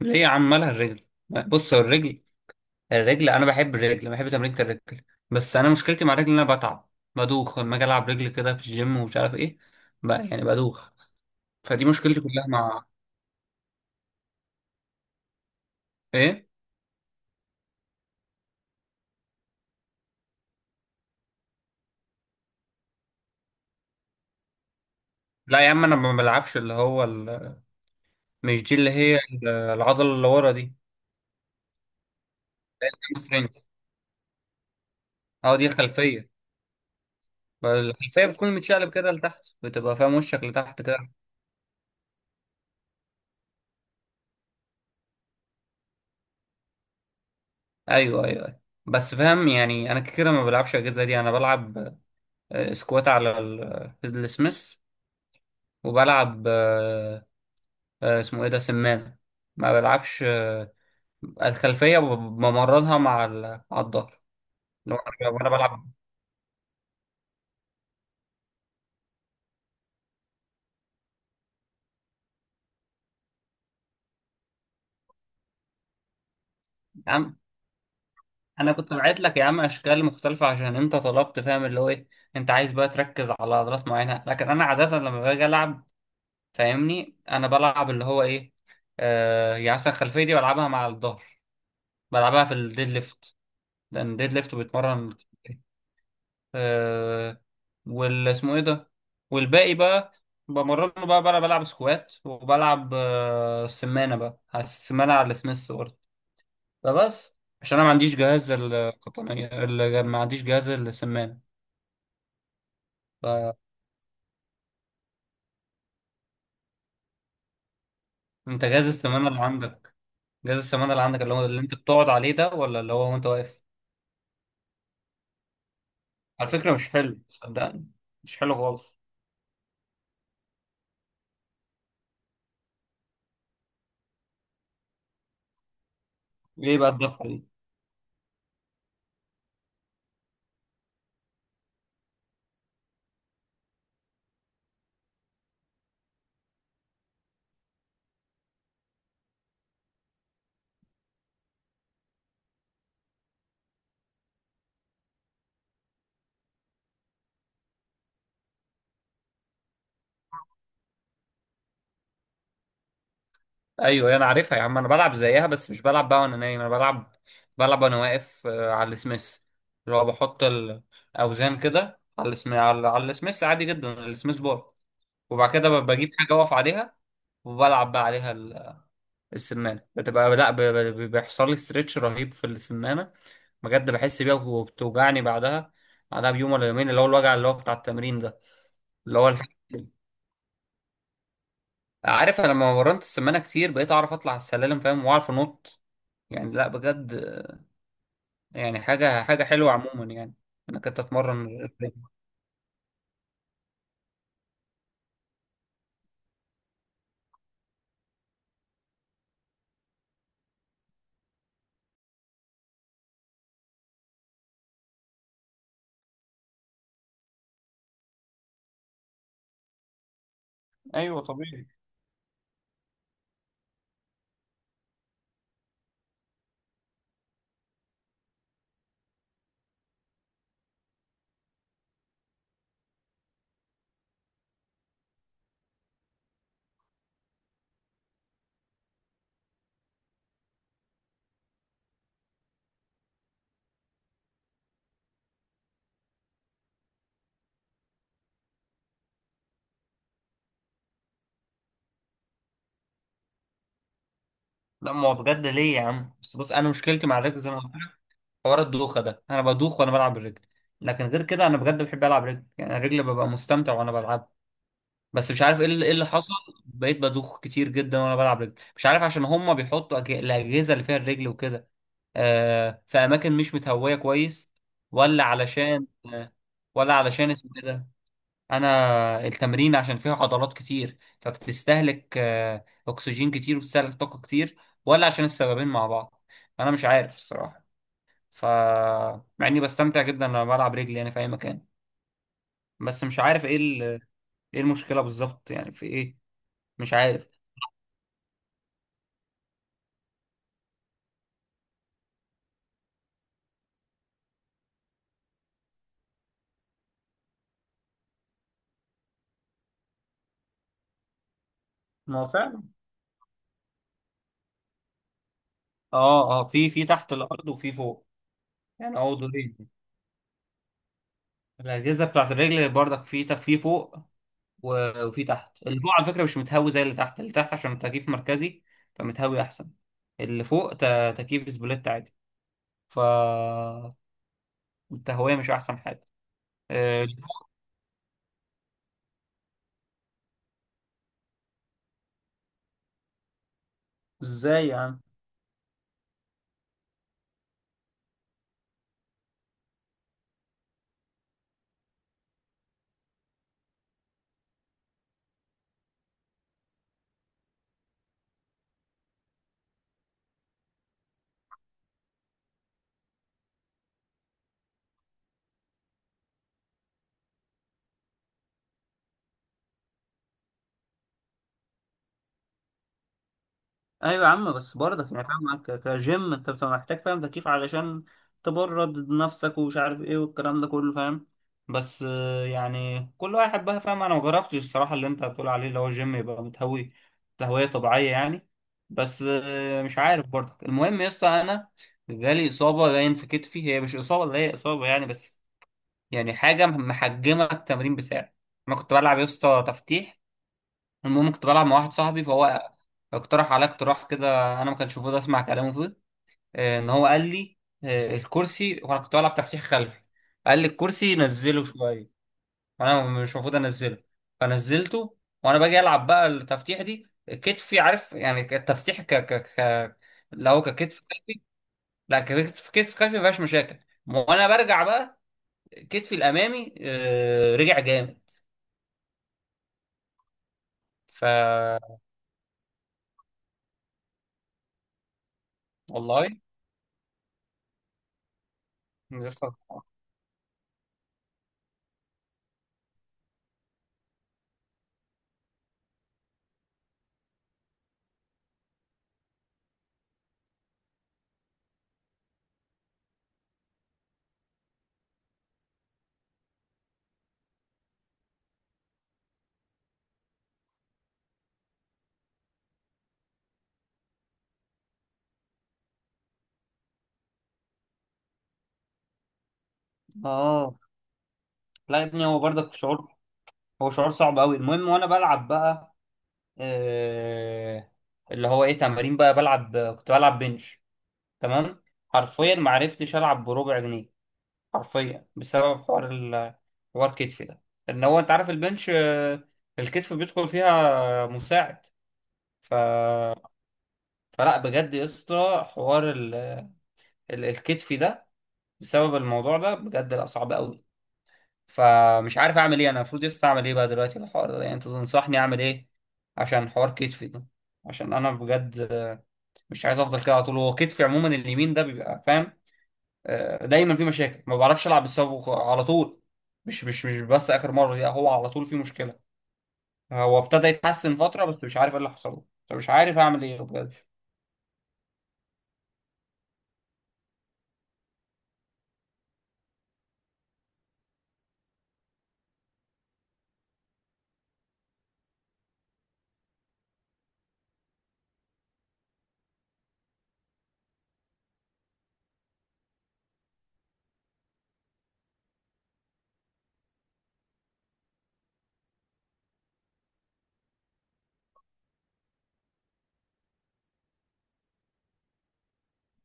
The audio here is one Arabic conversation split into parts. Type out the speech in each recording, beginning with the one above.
ليه عمالها الرجل؟ بص، هو الرجل انا بحب الرجل، بحب تمرينة الرجل. بس انا مشكلتي مع الرجل ان انا بتعب، بدوخ لما اجي العب رجل كده في الجيم ومش عارف ايه. بقى يعني بدوخ. فدي مشكلتي كلها مع ايه؟ لا يا عم، انا ما بلعبش اللي هو مش دي اللي هي العضله اللي ورا دي؟ hamstring. اه، دي خلفيه. الخلفيه بتكون متشقلب كده لتحت، بتبقى فاهم وشك لتحت كده. ايوه ايوه أيوة. بس فاهم يعني، انا كده ما بلعبش الاجهزه دي، انا بلعب سكوات على السميث، وبلعب اسمه ايه ده؟ سمانة. ما بلعبش الخلفية بمرنها مع مع الظهر. لو انا وأنا بلعب يا عم، انا كنت بعت لك يا عم اشكال مختلفة عشان انت طلبت، فاهم اللي هو ايه. انت عايز بقى تركز على عضلات معينة، لكن انا عادة لما باجي العب فاهمني انا بلعب اللي هو ايه. آه، يعني مثلا الخلفية دي بلعبها مع الظهر، بلعبها في الديد ليفت، لان الديد ليفت بيتمرن. آه، وال اسمه ايه ده؟ والباقي بقى بمرنه، بقى بلعب سكوات، وبلعب آه سمانة بقى، على السمانة على السميث برضه. فبس، عشان انا ما عنديش جهاز القطنية ما عنديش جهاز السمانة. فانت جهاز السمانة اللي عندك، جهاز السمانة اللي عندك اللي هو اللي انت بتقعد عليه ده، ولا اللي هو وانت واقف؟ على فكرة مش حلو، صدقني. مش حلو خالص. ليه بقى الدفع؟ ايوه انا عارفها يا عم، انا بلعب زيها بس مش بلعب بقى وانا نايم، انا بلعب. بلعب وانا واقف على السميث، اللي هو بحط الاوزان كده على على السميث عادي جدا، السميث بار. وبعد كده بجيب حاجه اقف عليها، وبلعب بقى عليها السمانه. بتبقى لا بيحصل لي استرتش رهيب في السمانه. بجد بحس بيها، وبتوجعني بعدها، بعدها بيوم ولا يومين، اللي هو الوجع اللي هو بتاع التمرين ده. اللي هو الح... عارف، انا لما مرنت السمانه كتير بقيت اعرف اطلع على السلالم فاهم، واعرف انط. يعني لا بجد، يعني حاجة حاجة حلوة عموما يعني. انا كنت اتمرن رجلي. ايوه طبيعي. لا ما هو بجد ليه يا عم؟ بس بص، انا مشكلتي مع الرجل زي ما قلت لك. حوار الدوخة ده، انا بدوخ وانا بلعب الرجل، لكن غير كده انا بجد بحب العب رجل. يعني الرجل ببقى مستمتع وانا بلعب. بس مش عارف ايه إيه اللي حصل. بقيت بدوخ كتير جدا وانا بلعب رجل، مش عارف عشان هما بيحطوا الاجهزة اللي فيها الرجل وكده آه في اماكن مش متهوية كويس، ولا علشان آه، ولا علشان اسمه كده انا التمرين، عشان فيها عضلات كتير فبتستهلك اكسجين كتير، وبتستهلك طاقة كتير، ولا عشان السببين مع بعض؟ انا مش عارف الصراحة. ف مع اني بستمتع جدا لما بلعب رجلي يعني في اي مكان، بس مش عارف ايه ايه المشكلة بالظبط يعني، في ايه؟ مش عارف. ما هو فعلا. اه اه، في تحت الارض وفي فوق. يعني هو دورين، الاجهزة بتاعت الرجل برضك في في فوق وفي تحت. اللي فوق على فكرة مش متهوي زي اللي تحت، اللي تحت عشان تكييف مركزي فمتهوي أحسن. اللي فوق تكييف سبليت عادي، فالتهوية مش أحسن حاجة. آه، ازاي يعني؟ ايوه يا عم، بس برضك يعني فاهم، معاك كجيم انت بتبقى محتاج فاهم تكييف علشان تبرد نفسك، ومش عارف ايه والكلام ده كله فاهم. بس يعني كل واحد بقى فاهم، انا ما جربتش الصراحه اللي انت بتقول عليه، اللي هو جيم يبقى متهوي، تهويه طبيعيه يعني. بس مش عارف برضك. المهم يا اسطى، انا جالي اصابه باين في كتفي، هي مش اصابه اللي هي اصابه يعني، بس يعني حاجه محجمه التمرين بتاعي. انا كنت بلعب يا اسطى تفتيح. المهم كنت بلعب مع واحد صاحبي، فهو اقترح عليا اقتراح كده. انا ما كنتش المفروض اسمع كلامه فيه. ان هو قال لي الكرسي، وانا كنت بلعب تفتيح خلفي، قال لي الكرسي نزله شويه، وانا مش المفروض انزله فنزلته. وانا باجي العب بقى التفتيح دي، كتفي عارف يعني. التفتيح ك ك ك اللي هو ككتف خلفي. لا ككتف، كتف خلفي ما فيهاش مشاكل. وانا برجع بقى، كتفي الامامي رجع جامد. ف والله، اه. لا يا ابني، هو برضك شعور. هو شعور صعب قوي. المهم وانا بلعب بقى آه، اللي هو ايه؟ تمارين بقى بلعب، كنت بلعب بنش. تمام. حرفيا ما عرفتش العب بربع جنيه. حرفيا بسبب حوار حوار الكتف ده. ان هو انت عارف البنش آه، الكتف بيدخل فيها مساعد. ف... فلا بجد يا اسطى، حوار الكتف ده، بسبب الموضوع ده بجد لا صعب قوي. فمش عارف اعمل ايه، انا المفروض يسطا اعمل ايه بقى دلوقتي في الحوار ده؟ يعني انت تنصحني اعمل ايه عشان حوار كتفي ده؟ عشان انا بجد مش عايز افضل كده على طول. هو كتفي عموما اليمين ده بيبقى فاهم دايما في مشاكل، ما بعرفش العب بسببه على طول. مش بس اخر مره دي، هو على طول في مشكله. هو ابتدى يتحسن فتره، بس مش عارف ايه اللي حصل له، فمش عارف اعمل ايه بجد.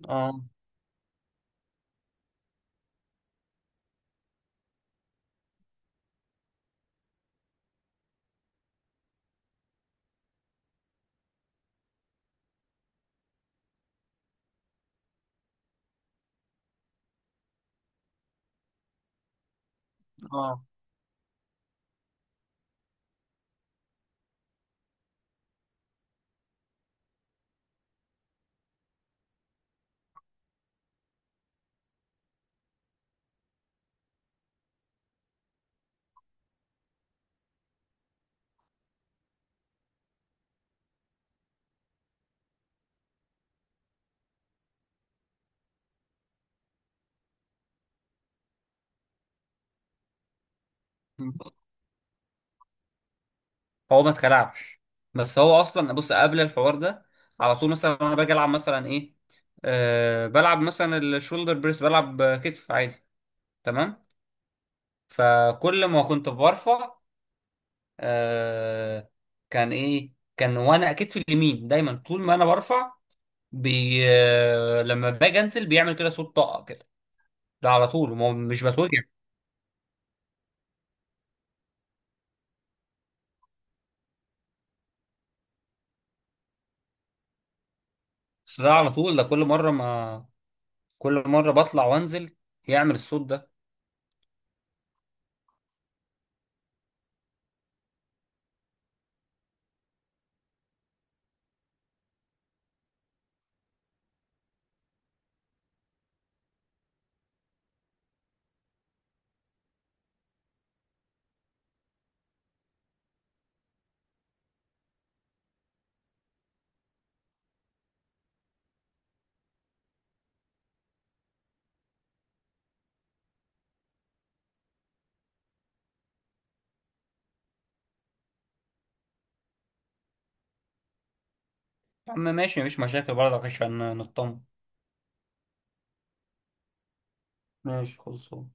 اه اه. هو ما اتخلعش، بس هو اصلا بص قبل الحوار ده على طول، مثلا انا باجي العب مثلا ايه، أه بلعب مثلا الشولدر بريس، بلعب كتف عادي. تمام. فكل ما كنت برفع أه كان ايه، كان وانا كتفي اليمين دايما طول ما انا برفع لما باجي انزل بيعمل كده صوت طاقه كده. ده على طول، ما هو مش بتوجع. بس ده على طول، ده كل مره ما كل مره بطلع وانزل يعمل الصوت ده. يا عم ماشي، مفيش مشاكل برضه عشان نطمن. ماشي خلصان.